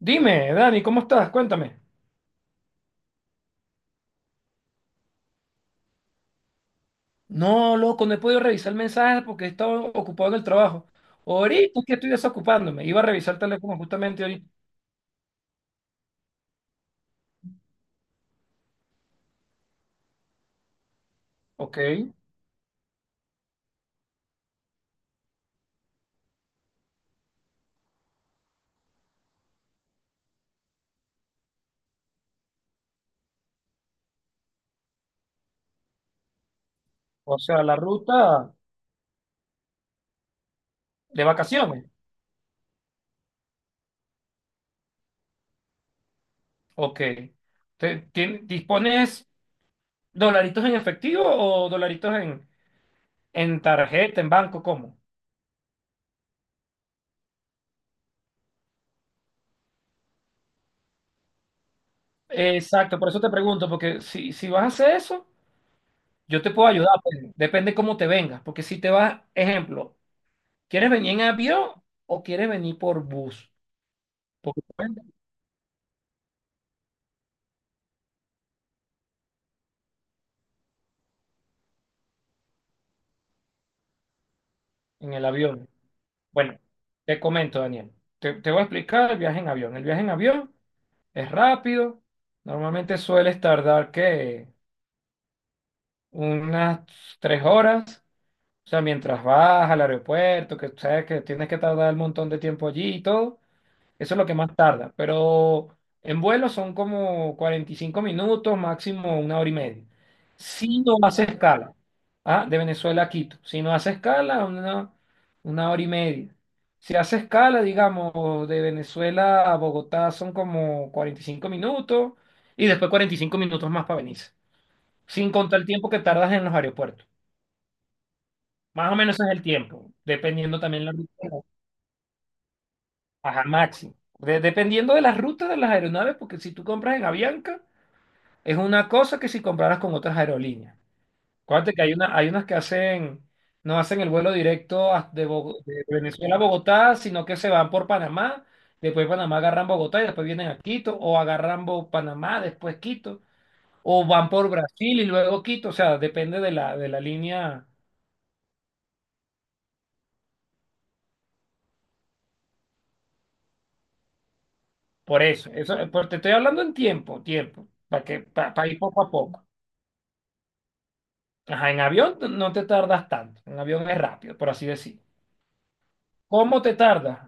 Dime, Dani, ¿cómo estás? Cuéntame. No, loco, no he podido revisar mensajes porque he estado ocupado en el trabajo. Ahorita es que estoy desocupándome. Iba a revisar el teléfono justamente ahorita. Ok. O sea, la ruta de vacaciones. Ok. ¿Dispones dolaritos en efectivo o dolaritos en tarjeta, en banco? ¿Cómo? Exacto, por eso te pregunto, porque si vas a hacer eso, yo te puedo ayudar, pues, depende cómo te vengas, porque si te vas, ejemplo, ¿Quieres venir en avión o quieres venir por bus? Porque pueden en el avión. Bueno, te comento, Daniel. Te voy a explicar el viaje en avión. El viaje en avión es rápido. Normalmente sueles tardar que unas 3 horas. O sea, mientras vas al aeropuerto, que sabes que tienes que tardar un montón de tiempo allí y todo. Eso es lo que más tarda, pero en vuelo son como 45 minutos, máximo una hora y media. Si no hace escala, ah, de Venezuela a Quito, si no hace escala, una hora y media. Si hace escala, digamos, de Venezuela a Bogotá son como 45 minutos y después 45 minutos más para Venice, sin contar el tiempo que tardas en los aeropuertos. Más o menos ese es el tiempo, dependiendo también la ruta. Ajá, máximo. Dependiendo de las rutas de las aeronaves, porque si tú compras en Avianca, es una cosa que si compraras con otras aerolíneas. Acuérdate que hay unas que hacen, no hacen el vuelo directo de Venezuela a Bogotá, sino que se van por Panamá, después Panamá agarran Bogotá y después vienen a Quito, o agarran Panamá, después Quito, o van por Brasil y luego Quito. O sea, depende de la línea. Por eso, pues te estoy hablando en tiempo, tiempo, para ir poco a poco. Ajá, en avión no te tardas tanto, en avión es rápido, por así decir. ¿Cómo te tardas?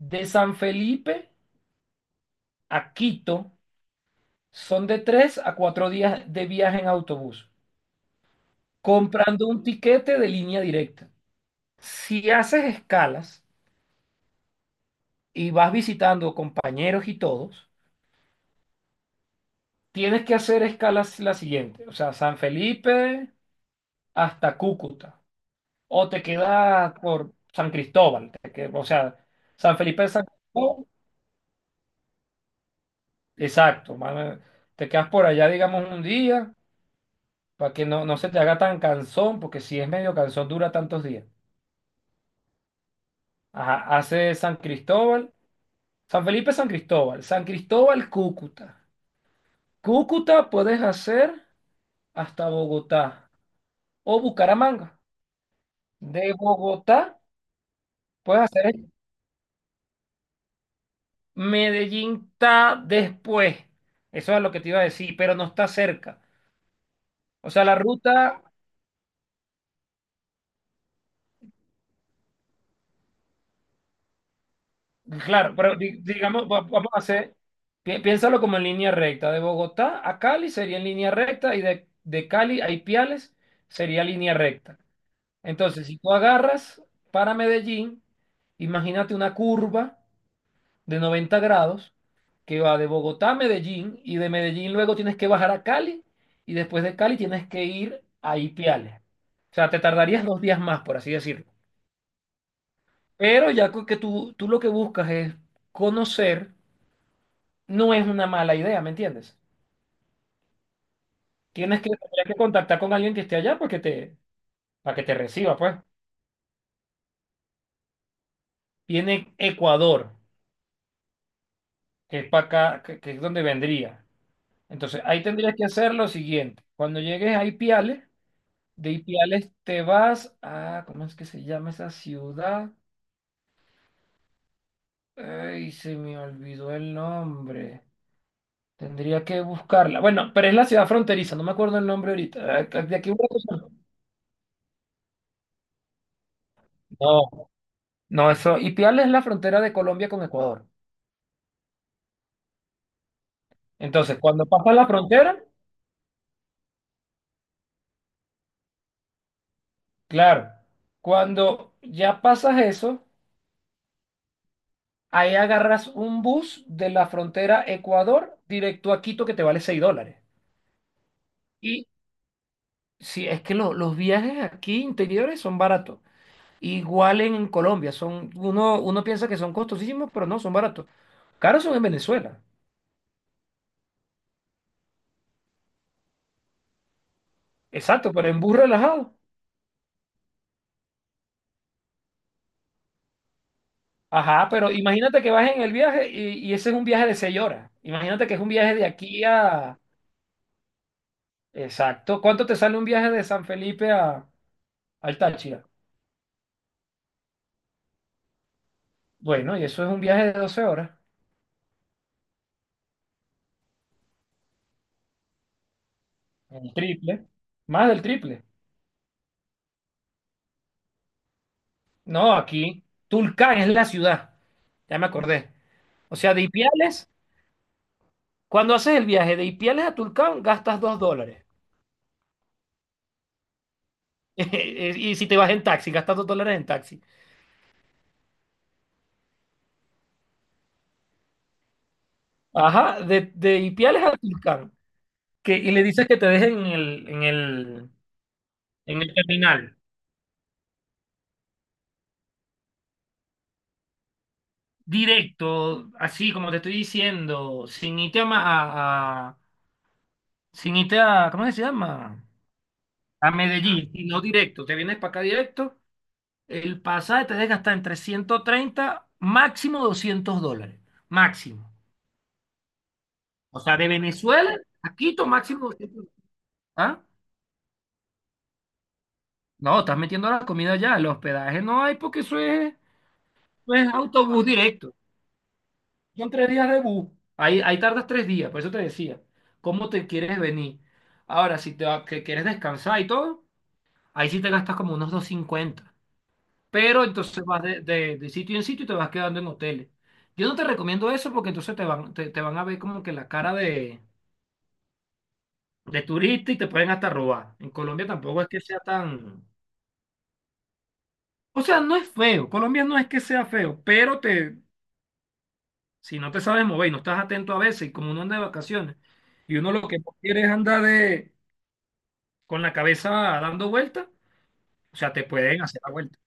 De San Felipe a Quito son de 3 a 4 días de viaje en autobús, comprando un tiquete de línea directa. Si haces escalas y vas visitando compañeros y todos, tienes que hacer escalas la siguiente, o sea, San Felipe hasta Cúcuta, o te quedas por San Cristóbal, o sea, San Felipe de San Cristóbal. Exacto, mano, te quedas por allá, digamos, un día, para que no se te haga tan cansón, porque si es medio cansón, dura tantos días. Ajá, hace San Cristóbal, San Felipe, San Cristóbal, San Cristóbal, Cúcuta. Cúcuta puedes hacer hasta Bogotá o Bucaramanga. De Bogotá puedes hacer. Medellín está después. Eso es lo que te iba a decir, pero no está cerca. O sea, la ruta. Claro, pero digamos, vamos a hacer, piénsalo como en línea recta. De Bogotá a Cali sería en línea recta y de Cali a Ipiales sería línea recta. Entonces, si tú agarras para Medellín, imagínate una curva de 90 grados que va de Bogotá a Medellín y de Medellín luego tienes que bajar a Cali y después de Cali tienes que ir a Ipiales. O sea, te tardarías 2 días más, por así decirlo. Pero ya que tú lo que buscas es conocer. No es una mala idea, ¿me entiendes? Tendrías que contactar con alguien que esté allá porque te, para que te reciba, pues. Viene Ecuador, que es para acá, que es donde vendría. Entonces, ahí tendrías que hacer lo siguiente. Cuando llegues a Ipiales, de Ipiales te vas a, ¿cómo es que se llama esa ciudad? Ay, se me olvidó el nombre. Tendría que buscarla. Bueno, pero es la ciudad fronteriza, no me acuerdo el nombre ahorita. Ah, de aquí a una cosa- No, no, eso. Ipiales es la frontera de Colombia con Ecuador. Entonces, cuando pasas la frontera, claro, cuando ya pasas eso, ahí agarras un bus de la frontera Ecuador directo a Quito que te vale $6. Y si es que los viajes aquí interiores son baratos. Igual en Colombia, uno piensa que son costosísimos, pero no, son baratos. Caros son en Venezuela. Exacto, pero en bus relajado. Ajá, pero imagínate que vas en el viaje y ese es un viaje de 6 horas. Imagínate que es un viaje de aquí a Exacto. ¿Cuánto te sale un viaje de San Felipe a, al Táchira? Bueno, y eso es un viaje de 12 horas. El triple. Más del triple. No, aquí. Tulcán es la ciudad. Ya me acordé. O sea, de Ipiales, cuando haces el viaje de Ipiales a Tulcán, gastas $2. Y si te vas en taxi, gastas $2 en taxi. Ajá, de Ipiales a Tulcán. Que, y le dices que te dejen en el terminal. Directo, así como te estoy diciendo, sin irte a, ma- a- sin irte a, ¿cómo que se llama? A Medellín, no directo, te vienes para acá directo, el pasaje te deja hasta entre 130 máximo $200, máximo. O sea, de Venezuela a Quito, máximo $200. ¿Ah? No, estás metiendo la comida ya, el hospedaje no hay porque eso es autobús directo. Son 3 días de bus. Ahí tardas 3 días, por eso te decía. ¿Cómo te quieres venir? Ahora, si que quieres descansar y todo, ahí sí te gastas como unos 250. Pero entonces vas de sitio en sitio y te vas quedando en hoteles. Yo no te recomiendo eso porque entonces te van a ver como que la cara de turista y te pueden hasta robar. En Colombia tampoco es que sea tan... O sea, no es feo. Colombia no es que sea feo, pero te, si no te sabes mover y no estás atento a veces, y como uno anda de vacaciones, y uno lo que no quiere es andar de con la cabeza dando vuelta, o sea, te pueden hacer la vuelta.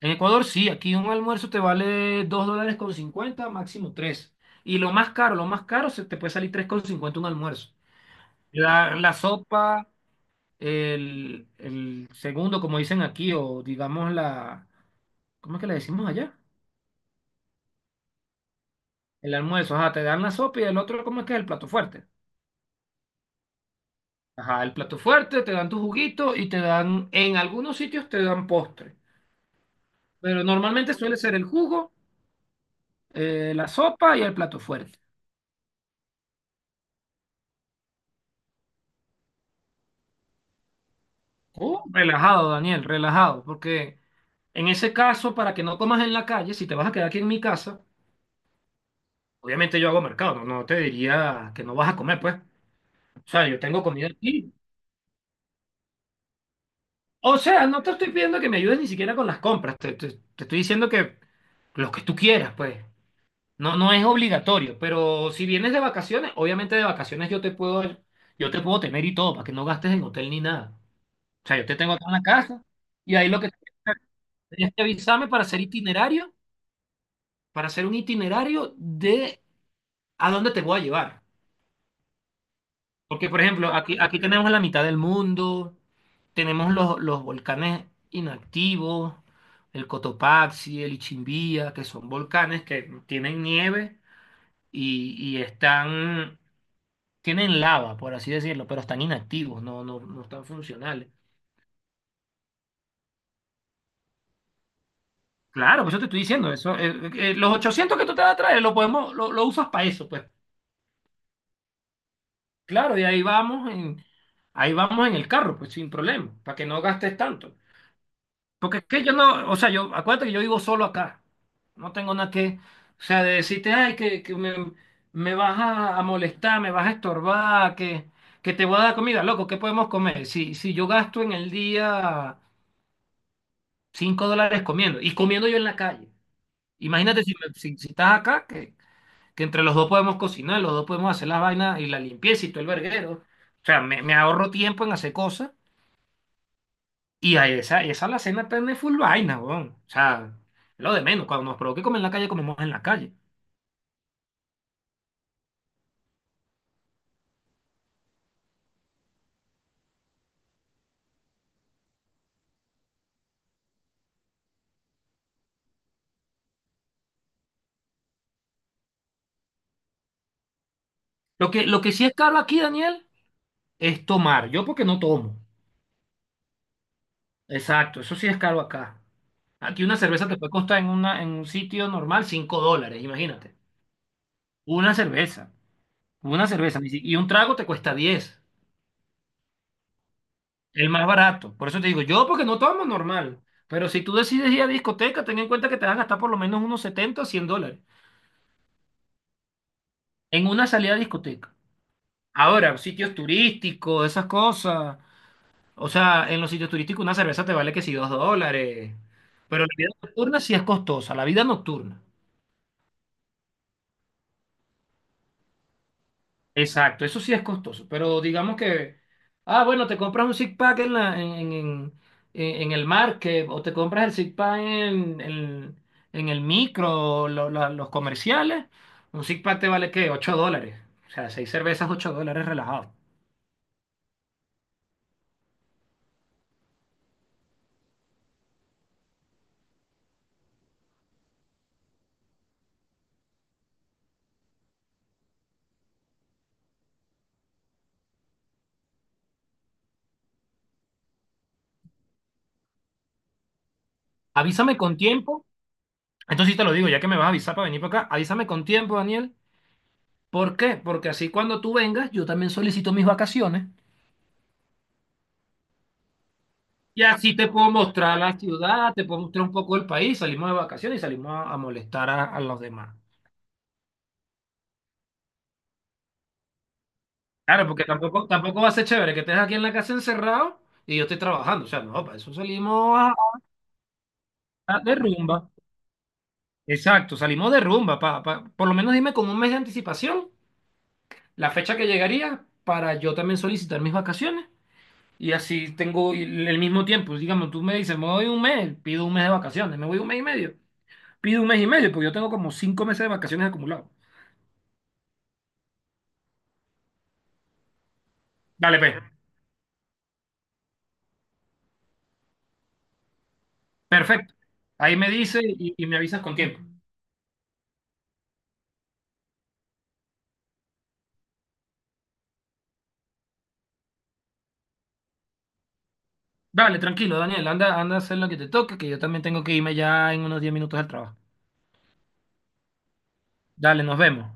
En Ecuador sí, aquí un almuerzo te vale $2.50 máximo 3, y lo más caro, se te puede salir 3.50 un almuerzo. La sopa, el segundo, como dicen aquí, o digamos la, ¿cómo es que le decimos allá? El almuerzo, ajá, te dan la sopa y el otro, ¿cómo es que es el plato fuerte? Ajá, el plato fuerte, te dan tu juguito y te dan, en algunos sitios te dan postre. Pero normalmente suele ser el jugo, la sopa y el plato fuerte. Oh, relajado, Daniel, relajado, porque en ese caso, para que no comas en la calle, si te vas a quedar aquí en mi casa, obviamente yo hago mercado, no te diría que no vas a comer, pues. O sea, yo tengo comida aquí. O sea, no te estoy pidiendo que me ayudes ni siquiera con las compras, te estoy diciendo que lo que tú quieras, pues. No, no es obligatorio, pero si vienes de vacaciones, obviamente de vacaciones yo te puedo tener y todo, para que no gastes en hotel ni nada. O sea, yo te tengo acá en la casa y ahí lo que... Tenías que avisarme para hacer un itinerario de a dónde te voy a llevar. Porque, por ejemplo, aquí tenemos la mitad del mundo, tenemos los volcanes inactivos, el Cotopaxi, el Ichimbía, que son volcanes que tienen nieve y tienen lava, por así decirlo, pero están inactivos, no están funcionales. Claro, por eso te estoy diciendo, los 800 que tú te vas a traer, lo usas para eso, pues. Claro, y ahí vamos en el carro, pues sin problema, para que no gastes tanto. Porque es que yo no, o sea, yo, acuérdate que yo vivo solo acá. No tengo nada que, o sea, de decirte, ay, que me, a molestar, me vas a estorbar, que te voy a dar comida, loco, ¿qué podemos comer? Si yo gasto en el día $5 comiendo, y comiendo yo en la calle. Imagínate si estás acá, que entre los dos podemos cocinar, los dos podemos hacer las vainas y la limpieza y todo el verguero. O sea, me ahorro tiempo en hacer cosas y a esa la cena tiene full vaina, weón. O sea, es lo de menos. Cuando nos provoque comer en la calle, comemos en la calle. Lo que sí es caro aquí, Daniel, es tomar. Yo porque no tomo. Exacto, eso sí es caro acá. Aquí una cerveza te puede costar en un sitio normal $5, imagínate. Una cerveza. Una cerveza. Ni si- Y un trago te cuesta 10. El más barato. Por eso te digo, yo porque no tomo normal. Pero si tú decides ir a discoteca, ten en cuenta que te vas a gastar por lo menos unos $70 a $100 en una salida a discoteca. Ahora, sitios turísticos, esas cosas. O sea, en los sitios turísticos una cerveza te vale que si $2. Pero la vida nocturna sí es costosa, la vida nocturna. Exacto, eso sí es costoso, pero digamos que, ah, bueno, te compras un six pack en la, en el market o te compras el six pack en el micro, los comerciales, un six pack te vale ¿qué? $8, o sea, seis cervezas, $8 relajado. Avísame con tiempo, entonces sí te lo digo, ya que me vas a avisar para venir para acá, avísame con tiempo, Daniel. ¿Por qué? Porque así cuando tú vengas, yo también solicito mis vacaciones. Y así te puedo mostrar la ciudad, te puedo mostrar un poco el país, salimos de vacaciones y salimos a molestar a los demás. Claro, porque tampoco, tampoco va a ser chévere que estés aquí en la casa encerrado y yo estoy trabajando. O sea, no, para eso salimos a, de rumba. Exacto, salimos de rumba. Por lo menos dime con un mes de anticipación la fecha que llegaría para yo también solicitar mis vacaciones. Y así tengo el mismo tiempo. Digamos, tú me dices, me voy un mes, pido un mes de vacaciones, me voy un mes y medio, pido un mes y medio, porque yo tengo como 5 meses de vacaciones acumulados. Dale, pues. Perfecto. Ahí me dice y me avisas con tiempo. Dale, tranquilo, Daniel. Anda, anda a hacer lo que te toque, que yo también tengo que irme ya en unos 10 minutos al trabajo. Dale, nos vemos.